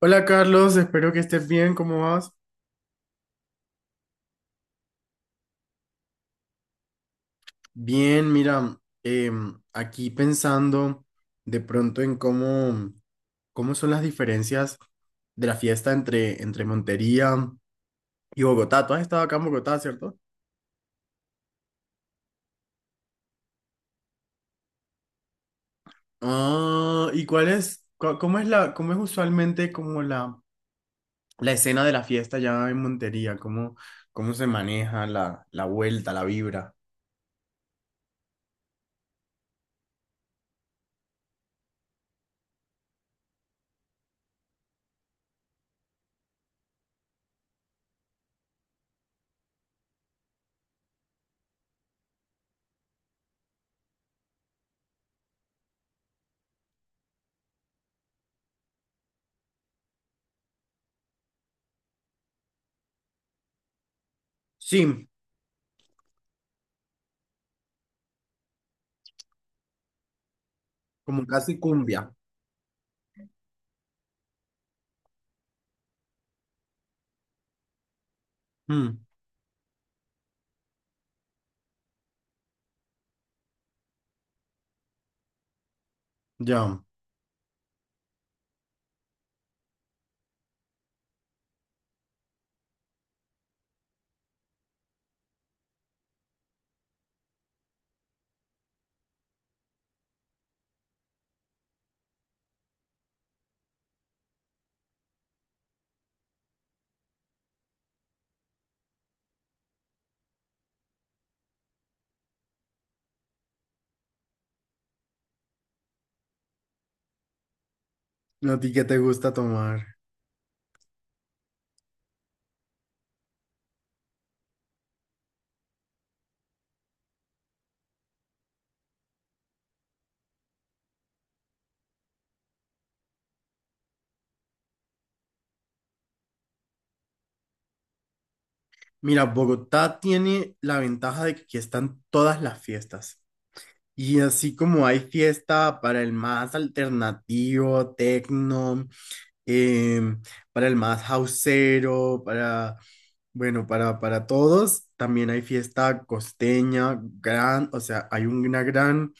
Hola Carlos, espero que estés bien, ¿cómo vas? Bien, mira, aquí pensando de pronto en cómo son las diferencias de la fiesta entre Montería y Bogotá. Tú has estado acá en Bogotá, ¿cierto? Ah, ¿y cuál es, cómo es cómo es usualmente como la escena de la fiesta ya en Montería? Cómo se maneja la vuelta, la vibra? Sí, como casi cumbia. Mm, ya, ¿a ti qué te gusta tomar? Mira, Bogotá tiene la ventaja de que aquí están todas las fiestas. Y así como hay fiesta para el más alternativo, tecno, em, para el más houseero, bueno, para todos, también hay fiesta costeña, o sea, hay una gran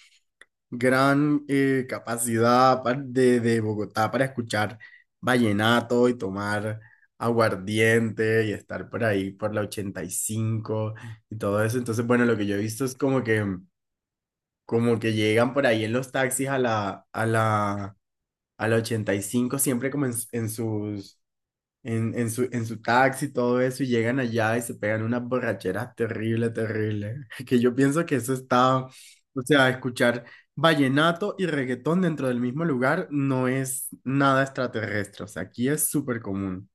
gran capacidad de Bogotá para escuchar vallenato y tomar aguardiente y estar por ahí por la 85 y cinco y todo eso. Entonces, bueno, lo que yo he visto es como como que llegan por ahí en los taxis a la 85 siempre como en sus en su taxi, todo eso, y llegan allá y se pegan unas borracheras terrible, terrible. Que yo pienso que eso está, o sea, escuchar vallenato y reggaetón dentro del mismo lugar no es nada extraterrestre, o sea, aquí es súper común.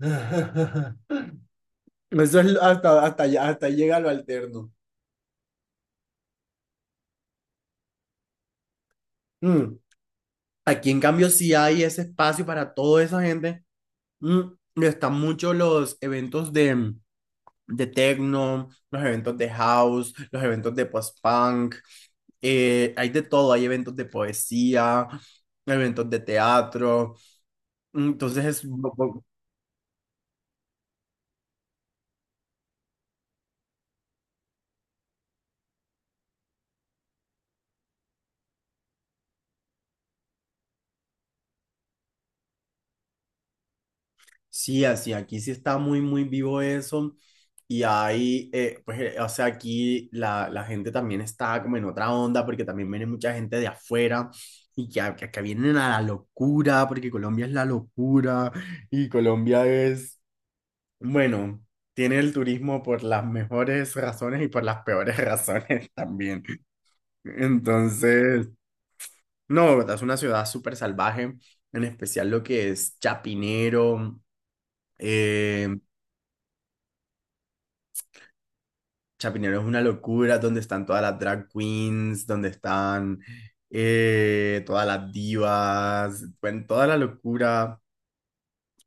Eso es hasta ahí llega lo alterno. Mm. Aquí, en cambio, sí hay ese espacio para toda esa gente. Mm. Y están muchos los eventos de techno, los eventos de house, los eventos de post-punk, hay de todo, hay eventos de poesía, eventos de teatro, entonces es, un poco. Sí, así, aquí sí está muy, muy vivo eso. Y ahí, o sea, aquí la gente también está como en otra onda, porque también viene mucha gente de afuera y que vienen a la locura, porque Colombia es la locura y Colombia es bueno, tiene el turismo por las mejores razones y por las peores razones también. Entonces, no, es una ciudad súper salvaje, en especial lo que es Chapinero. eh, Chapinero es una locura, donde están todas las drag queens, donde están todas las divas, bueno, toda la locura.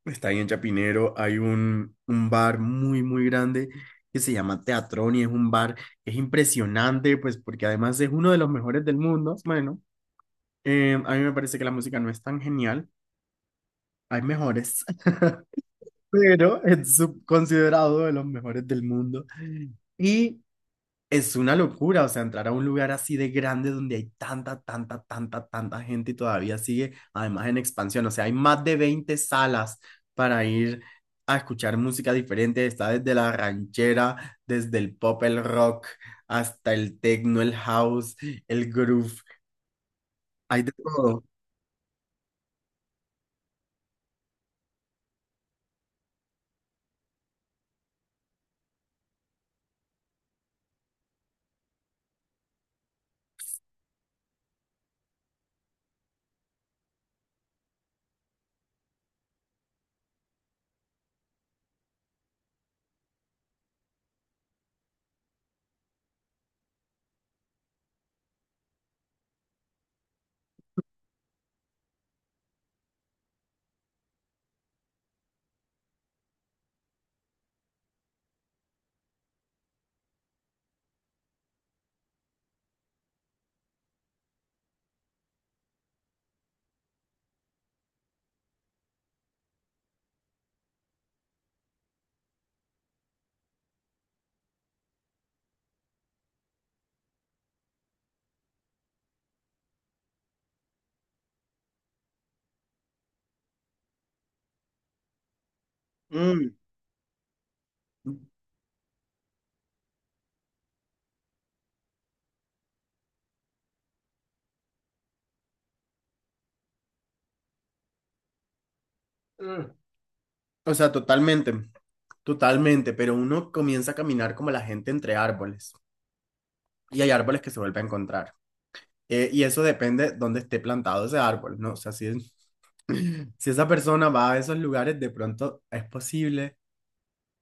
Está ahí en Chapinero, hay un bar muy, muy grande que se llama Teatrón y es un bar que es impresionante, pues porque además es uno de los mejores del mundo. Bueno, a mí me parece que la música no es tan genial, hay mejores, pero es considerado de los mejores del mundo. Y es una locura, o sea, entrar a un lugar así de grande donde hay tanta, tanta, tanta, tanta gente y todavía sigue, además en expansión, o sea, hay más de 20 salas para ir a escuchar música diferente, está desde la ranchera, desde el pop, el rock, hasta el techno, el house, el groove, hay de todo. Mm, mm. O sea, totalmente, totalmente, pero uno comienza a caminar como la gente entre árboles y hay árboles que se vuelve a encontrar. Y eso depende dónde esté plantado ese árbol, ¿no? O sea, si, es- si esa persona va a esos lugares, de pronto es posible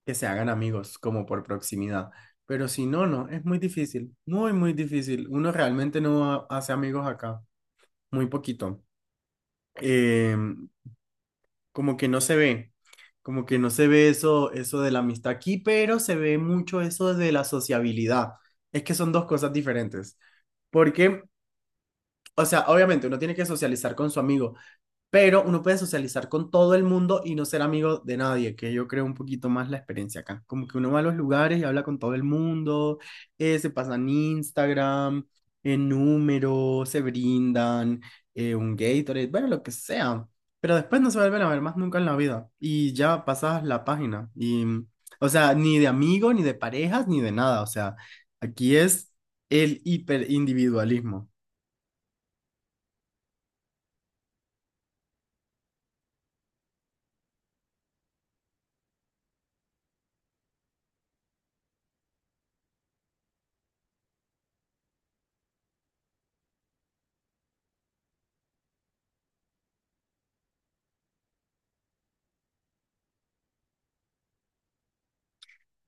que se hagan amigos, como por proximidad. Pero si no, no, es muy difícil, muy, muy difícil. Uno realmente no ha- hace amigos acá, muy poquito. Eh, como que no se ve, como que no se ve eso, eso de la amistad aquí, pero se ve mucho eso de la sociabilidad. Es que son dos cosas diferentes. Porque, o sea, obviamente uno tiene que socializar con su amigo, pero uno puede socializar con todo el mundo y no ser amigo de nadie, que yo creo un poquito más la experiencia acá. Como que uno va a los lugares y habla con todo el mundo, se pasan Instagram, en números, se brindan, un Gatorade, bueno, lo que sea. Pero después no se vuelven a ver más nunca en la vida y ya pasas la página. Y, mm, o sea, ni de amigo, ni de parejas, ni de nada. O sea, aquí es el hiperindividualismo.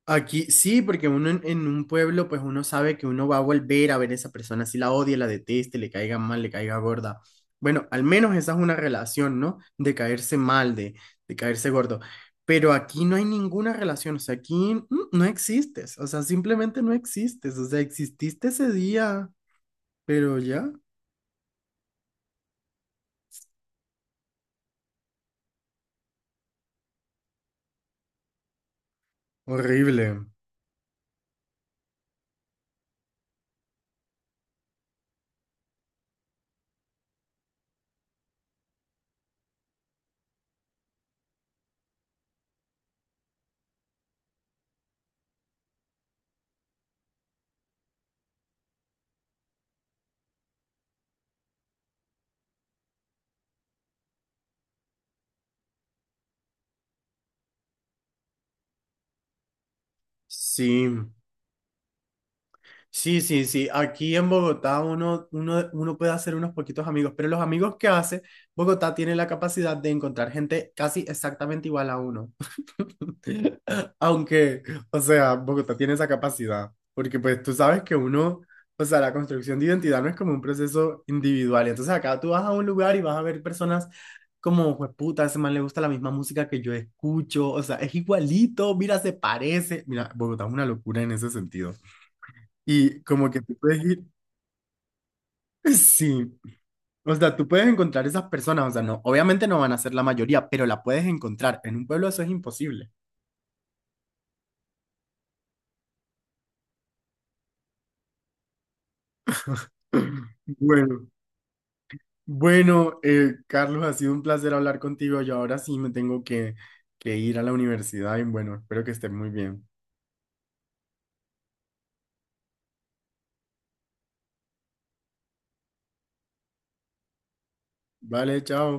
Aquí sí, porque uno en un pueblo, pues uno sabe que uno va a volver a ver a esa persona, si la odia, la deteste, le caiga mal, le caiga gorda. Bueno, al menos esa es una relación, ¿no? De caerse mal, de caerse gordo. Pero aquí no hay ninguna relación, o sea, aquí mm, no existes, o sea, simplemente no existes, o sea, exististe ese día, pero ya, horrible. Sí. Sí, sí, sí. Aquí en Bogotá uno puede hacer unos poquitos amigos, pero los amigos que hace, Bogotá tiene la capacidad de encontrar gente casi exactamente igual a uno. Aunque, o sea, Bogotá tiene esa capacidad, porque pues tú sabes que uno, o sea, la construcción de identidad no es como un proceso individual. Entonces acá tú vas a un lugar y vas a ver personas como, pues puta, a ese man le gusta la misma música que yo escucho, o sea, es igualito, mira, se parece. Mira, Bogotá es una locura en ese sentido. Y como que tú puedes ir, sí, o sea, tú puedes encontrar esas personas, o sea, no, obviamente no van a ser la mayoría, pero la puedes encontrar. En un pueblo eso es imposible. Bueno, bueno, Carlos, ha sido un placer hablar contigo. Yo ahora sí me tengo que ir a la universidad y bueno, espero que estés muy bien. Vale, chao.